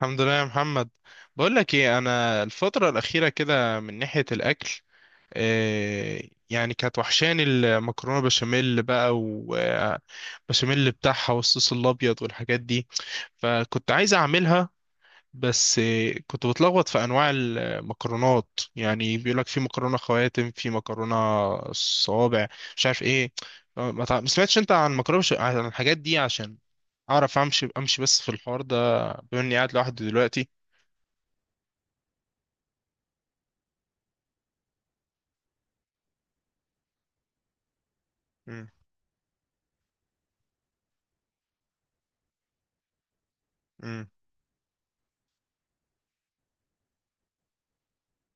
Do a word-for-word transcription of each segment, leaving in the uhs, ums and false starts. الحمد لله يا محمد. بقول لك ايه، انا الفتره الاخيره كده من ناحيه الاكل آه، يعني كانت وحشاني المكرونه بشاميل بقى وبشاميل بتاعها والصوص الابيض والحاجات دي، فكنت عايز اعملها. بس آه، كنت بتلخبط في انواع المكرونات. يعني بيقول لك في مكرونه خواتم، في مكرونه صوابع، مش عارف ايه. ما تع- ما سمعتش انت عن مكرونه بش- عن الحاجات دي عشان اعرف امشي امشي بس في الحوار ده، بما اني قاعد لوحدي دلوقتي. مم. مم.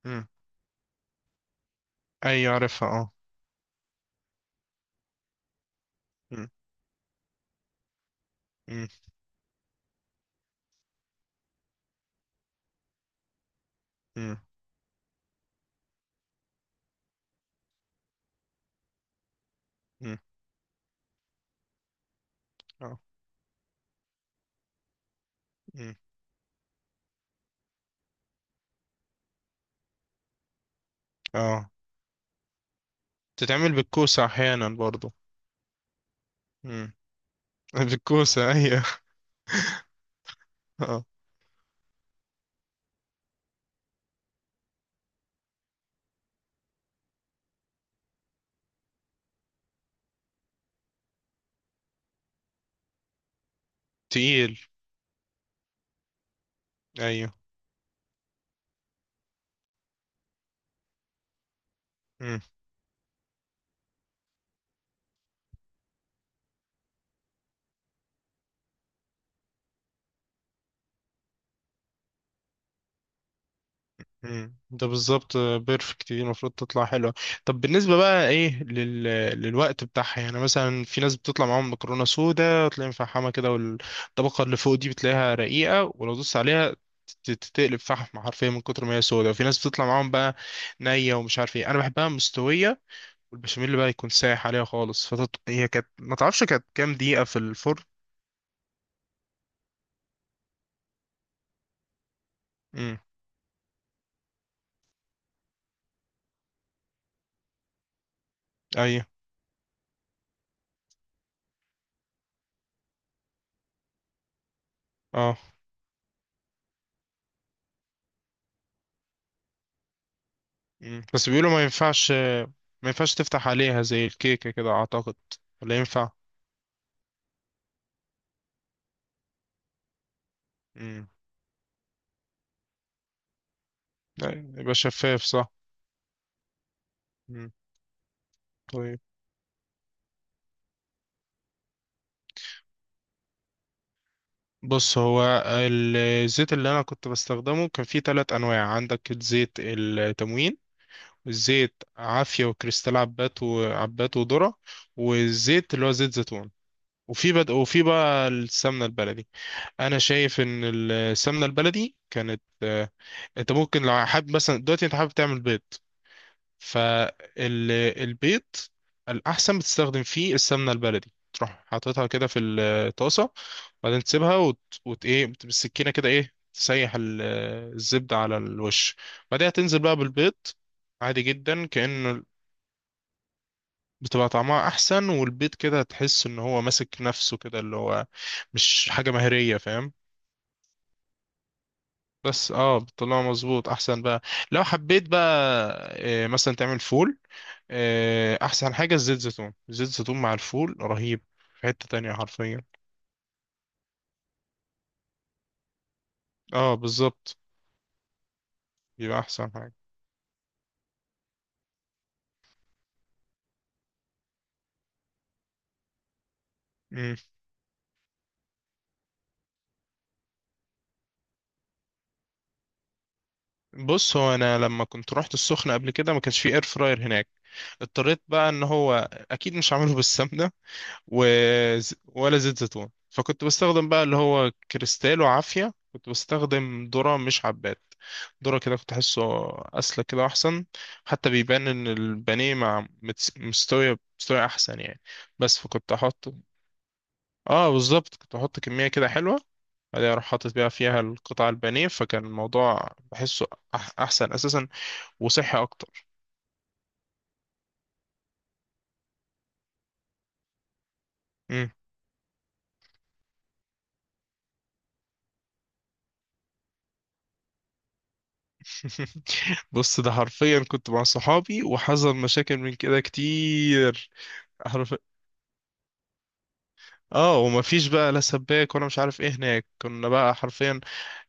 مم. ايوه، عارفها، اه. مم. مم. مم. مم. اه. مم. اه، تتعمل بالكوسة احيانا برضو. مم. بالكوسة، ايوه. اه. تقيل، ايوه. مم. ده بالظبط بيرفكت، دي المفروض تطلع حلوة. طب بالنسبة بقى ايه لل... للوقت بتاعها، يعني مثلا في ناس بتطلع معاهم مكرونة سودا، تلاقي مفحمة كده، والطبقة اللي فوق دي بتلاقيها رقيقة، ولو دوست عليها ت- تتقلب فحم حرفيا من كتر ما هي سودا. وفي ناس بتطلع معاهم بقى نية ومش عارف ايه. انا بحبها مستوية، والبشاميل بقى يكون سايح عليها خالص. فتط... هي كانت، ما تعرفش كانت كام دقيقة في الفرن؟ امم. ايوه. اه. مم. بس بيقولوا ما ينفعش، ما ينفعش تفتح عليها زي الكيكة كده أعتقد، ولا ينفع؟ مم. لا، يبقى شفاف، صح؟ مم. طيب، بص هو الزيت اللي أنا كنت بستخدمه كان فيه تلات أنواع. عندك الزيت التموين، الزيت عافية وكريستال، عبات وعبات وذرة. والزيت اللي هو زيت زيتون، وفي بد... وفي بقى السمنة البلدي. أنا شايف إن السمنة البلدي كانت آه، أنت ممكن لو حابب مثلا دلوقتي أنت حابب تعمل بيض، فالبيض الأحسن بتستخدم فيه السمنة البلدي. تروح حاططها كده في الطاسة، وبعدين تسيبها وت... وت... إيه، بالسكينة كده، إيه، تسيح ال- الزبدة على الوش. بعدها تنزل بقى بالبيض عادي جدا، كأنه بتبقى طعمها أحسن. والبيض كده تحس إن هو ماسك نفسه كده، اللي هو مش حاجة مهرية، فاهم؟ بس اه، بتطلعه مظبوط أحسن بقى. لو حبيت بقى إيه مثلا تعمل فول، آه، احسن حاجه الزيت زيتون، زيت زيتون مع الفول رهيب في حته تانية حرفيا. اه بالظبط، يبقى احسن حاجه. مم. بص هو انا لما كنت رحت السخنه قبل كده، ما كانش فيه اير فراير هناك. اضطريت بقى ان هو اكيد مش عامله بالسمنه و... ولا زيت زيتون، فكنت بستخدم بقى اللي هو كريستالو عافية. كنت بستخدم ذرة، مش حبات، ذرة، كده كنت أحسه أسلك كده أحسن. حتى بيبان إن البانيه مع متس- مستوية مستوية أحسن يعني. بس فكنت أحط، آه بالظبط، كنت أحط كمية كده حلوة، بعدين أروح حاطط بقى فيها القطع البانيه. فكان الموضوع بحسه أح- أحسن أساسا، وصحي أكتر. مم. بص ده حرفيا كنت مع صحابي وحصل مشاكل من كده كتير. حرف، اه، ومفيش بقى لا سباك ولا مش عارف ايه هناك، كنا بقى حرفيا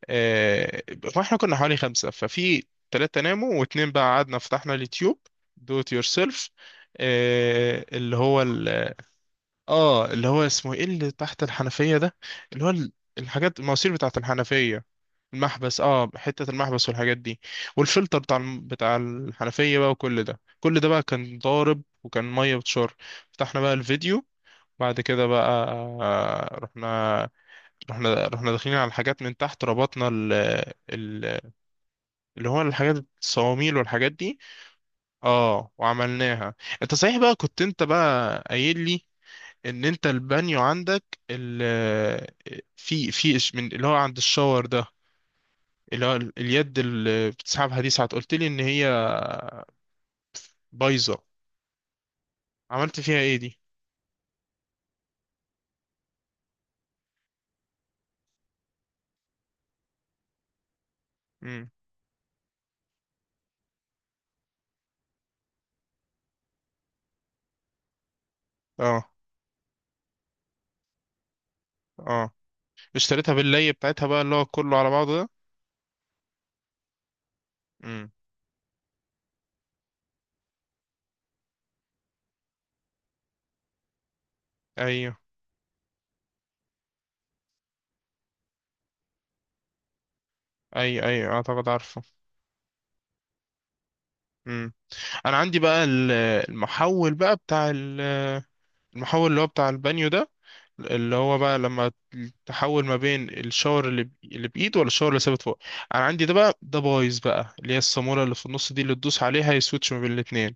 آه... واحنا كنا حوالي خمسة، ففي تلاتة ناموا واتنين بقى قعدنا، فتحنا اليوتيوب، دو ات يور سيلف. اللي هو ال... اه، اللي هو اسمه ايه، اللي تحت الحنفية ده، اللي هو ال- الحاجات المواسير بتاعت الحنفية، المحبس، اه، حتة المحبس والحاجات دي. والفلتر بتاع الم- بتاع الحنفية بقى، وكل ده كل ده بقى كان ضارب وكان مية بتشر. فتحنا بقى الفيديو، بعد كده بقى آه، رحنا رحنا رحنا داخلين على الحاجات من تحت، ربطنا ال... ال... اللي هو الحاجات، الصواميل والحاجات دي، اه، وعملناها. انت صحيح بقى، كنت انت بقى قايل لي ان انت البانيو عندك ال... في في إش- من اللي هو عند الشاور ده، اللي هو ال- اليد اللي بتسحبها دي، ساعات قلت لي ان هي بايظه، عملت فيها ايه دي؟ امم. اه. اه، اشتريتها باللي بتاعتها بقى، اللي هو كله على بعضه ده. امم. اي اي، اعتقد عارفه. امم. انا عندي بقى ال- المحول بقى بتاع ال- المحول اللي هو بتاع البانيو ده، اللي هو بقى لما تحول ما بين الشاور اللي ب- اللي بايد ولا الشاور اللي ثابت فوق. انا عندي ده بقى، ده بايظ بقى، اللي هي الصامولة اللي في النص دي، اللي تدوس عليها يسويتش ما بين الاتنين.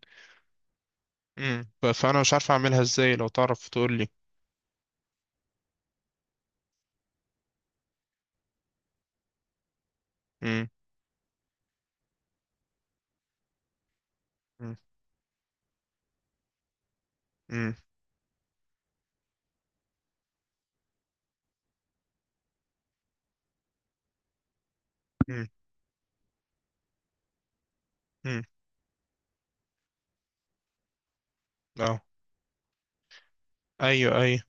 امم. ف- فانا مش عارف اعملها ازاي، لو تعرف تقول لي. امم. امم. امم. امم. اه. ايوه، ايوه.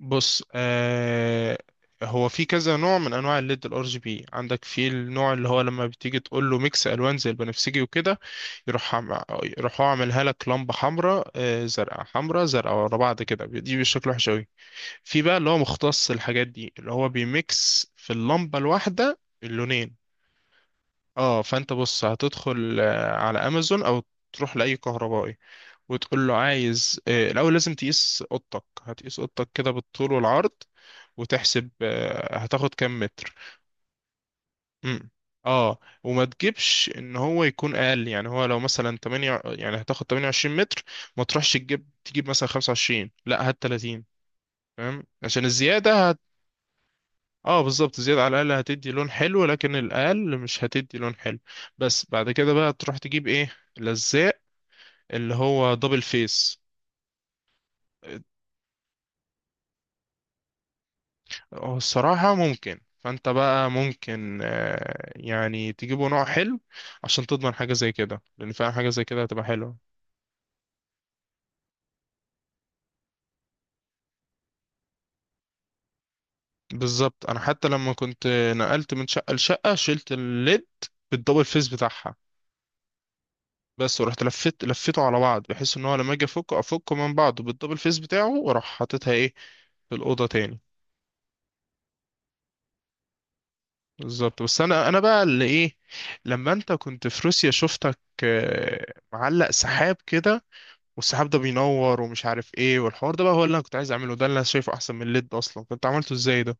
بص آه، هو في كذا نوع من انواع الليد الار جي بي. عندك في النوع اللي هو لما بتيجي تقول له ميكس الوان زي البنفسجي وكده، يروح عم- يروح هو عاملها لك لمبه حمراء، آه، زرقاء، حمراء، زرقاء، ورا بعض كده، دي بشكل وحش قوي. في بقى اللي هو مختص الحاجات دي، اللي هو بيميكس في اللمبه الواحده اللونين. اه، فانت بص هتدخل آه، على امازون او تروح لاي كهربائي وتقول له عايز، آه، الأول لازم تقيس أوضتك، هتقيس أوضتك كده بالطول والعرض، وتحسب آه، هتاخد كام متر. مم. اه، وما تجيبش ان هو يكون اقل. يعني هو لو مثلا تمنية، يعني هتاخد تمانية وعشرين متر، ما تروحش تجيب تجيب مثلا خمسة وعشرين، لا، هات ثلاثين. فاهم؟ عشان الزياده هت... اه بالظبط، الزياده على الاقل هتدي لون حلو، لكن الاقل مش هتدي لون حلو. بس بعد كده بقى تروح تجيب ايه، لزاق، اللي هو دبل فيس. هو الصراحة ممكن، فانت بقى ممكن آه، يعني تجيبوا نوع حلو عشان تضمن حاجة زي كده، لان فعلا حاجة زي كده هتبقى حلوة. بالظبط، انا حتى لما كنت نقلت من شقة لشقة، شلت الليد بالدبل فيس بتاعها. بس ورحت لفيت لفيته على بعض، بحيث ان هو لما اجي افكه افكه من بعضه بالدبل فيس بتاعه، واروح حاططها ايه في الأوضة تاني. بالظبط. بس انا، انا بقى اللي ايه، لما انت كنت في روسيا شفتك آه، معلق سحاب كده، والسحاب ده بينور ومش عارف ايه والحوار ده بقى، هو اللي انا كنت عايز اعمله، ده اللي انا شايفه احسن من الليد اصلا. كنت عملته ازاي ده؟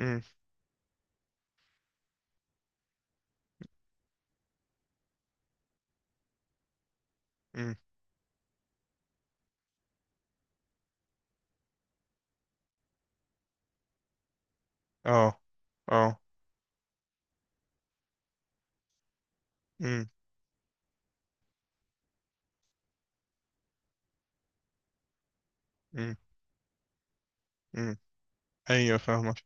امم. امم. اه. اه. امم. امم. امم. ايوه، فاهمك.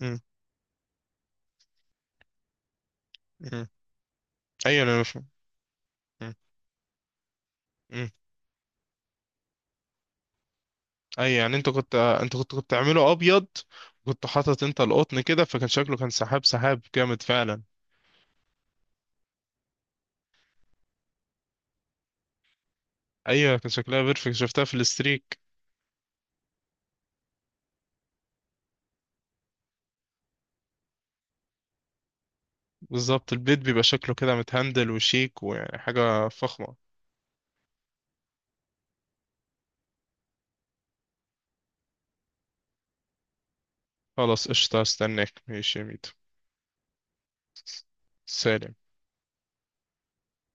امم. امم. ايوه انا فاهم. امم. امم. ايوه، يعني انت كنت انت كنت كنت تعمله ابيض، كنت حاطط انت القطن كده، فكان شكله كان سحاب سحاب جامد فعلا. ايوه كان شكلها بيرفكت، شفتها في الاستريك. بالظبط، البيت بيبقى شكله كده متهندل وشيك وحاجه فخمه. خلاص، قشطه، استناك، ماشي يا ميت. سلام.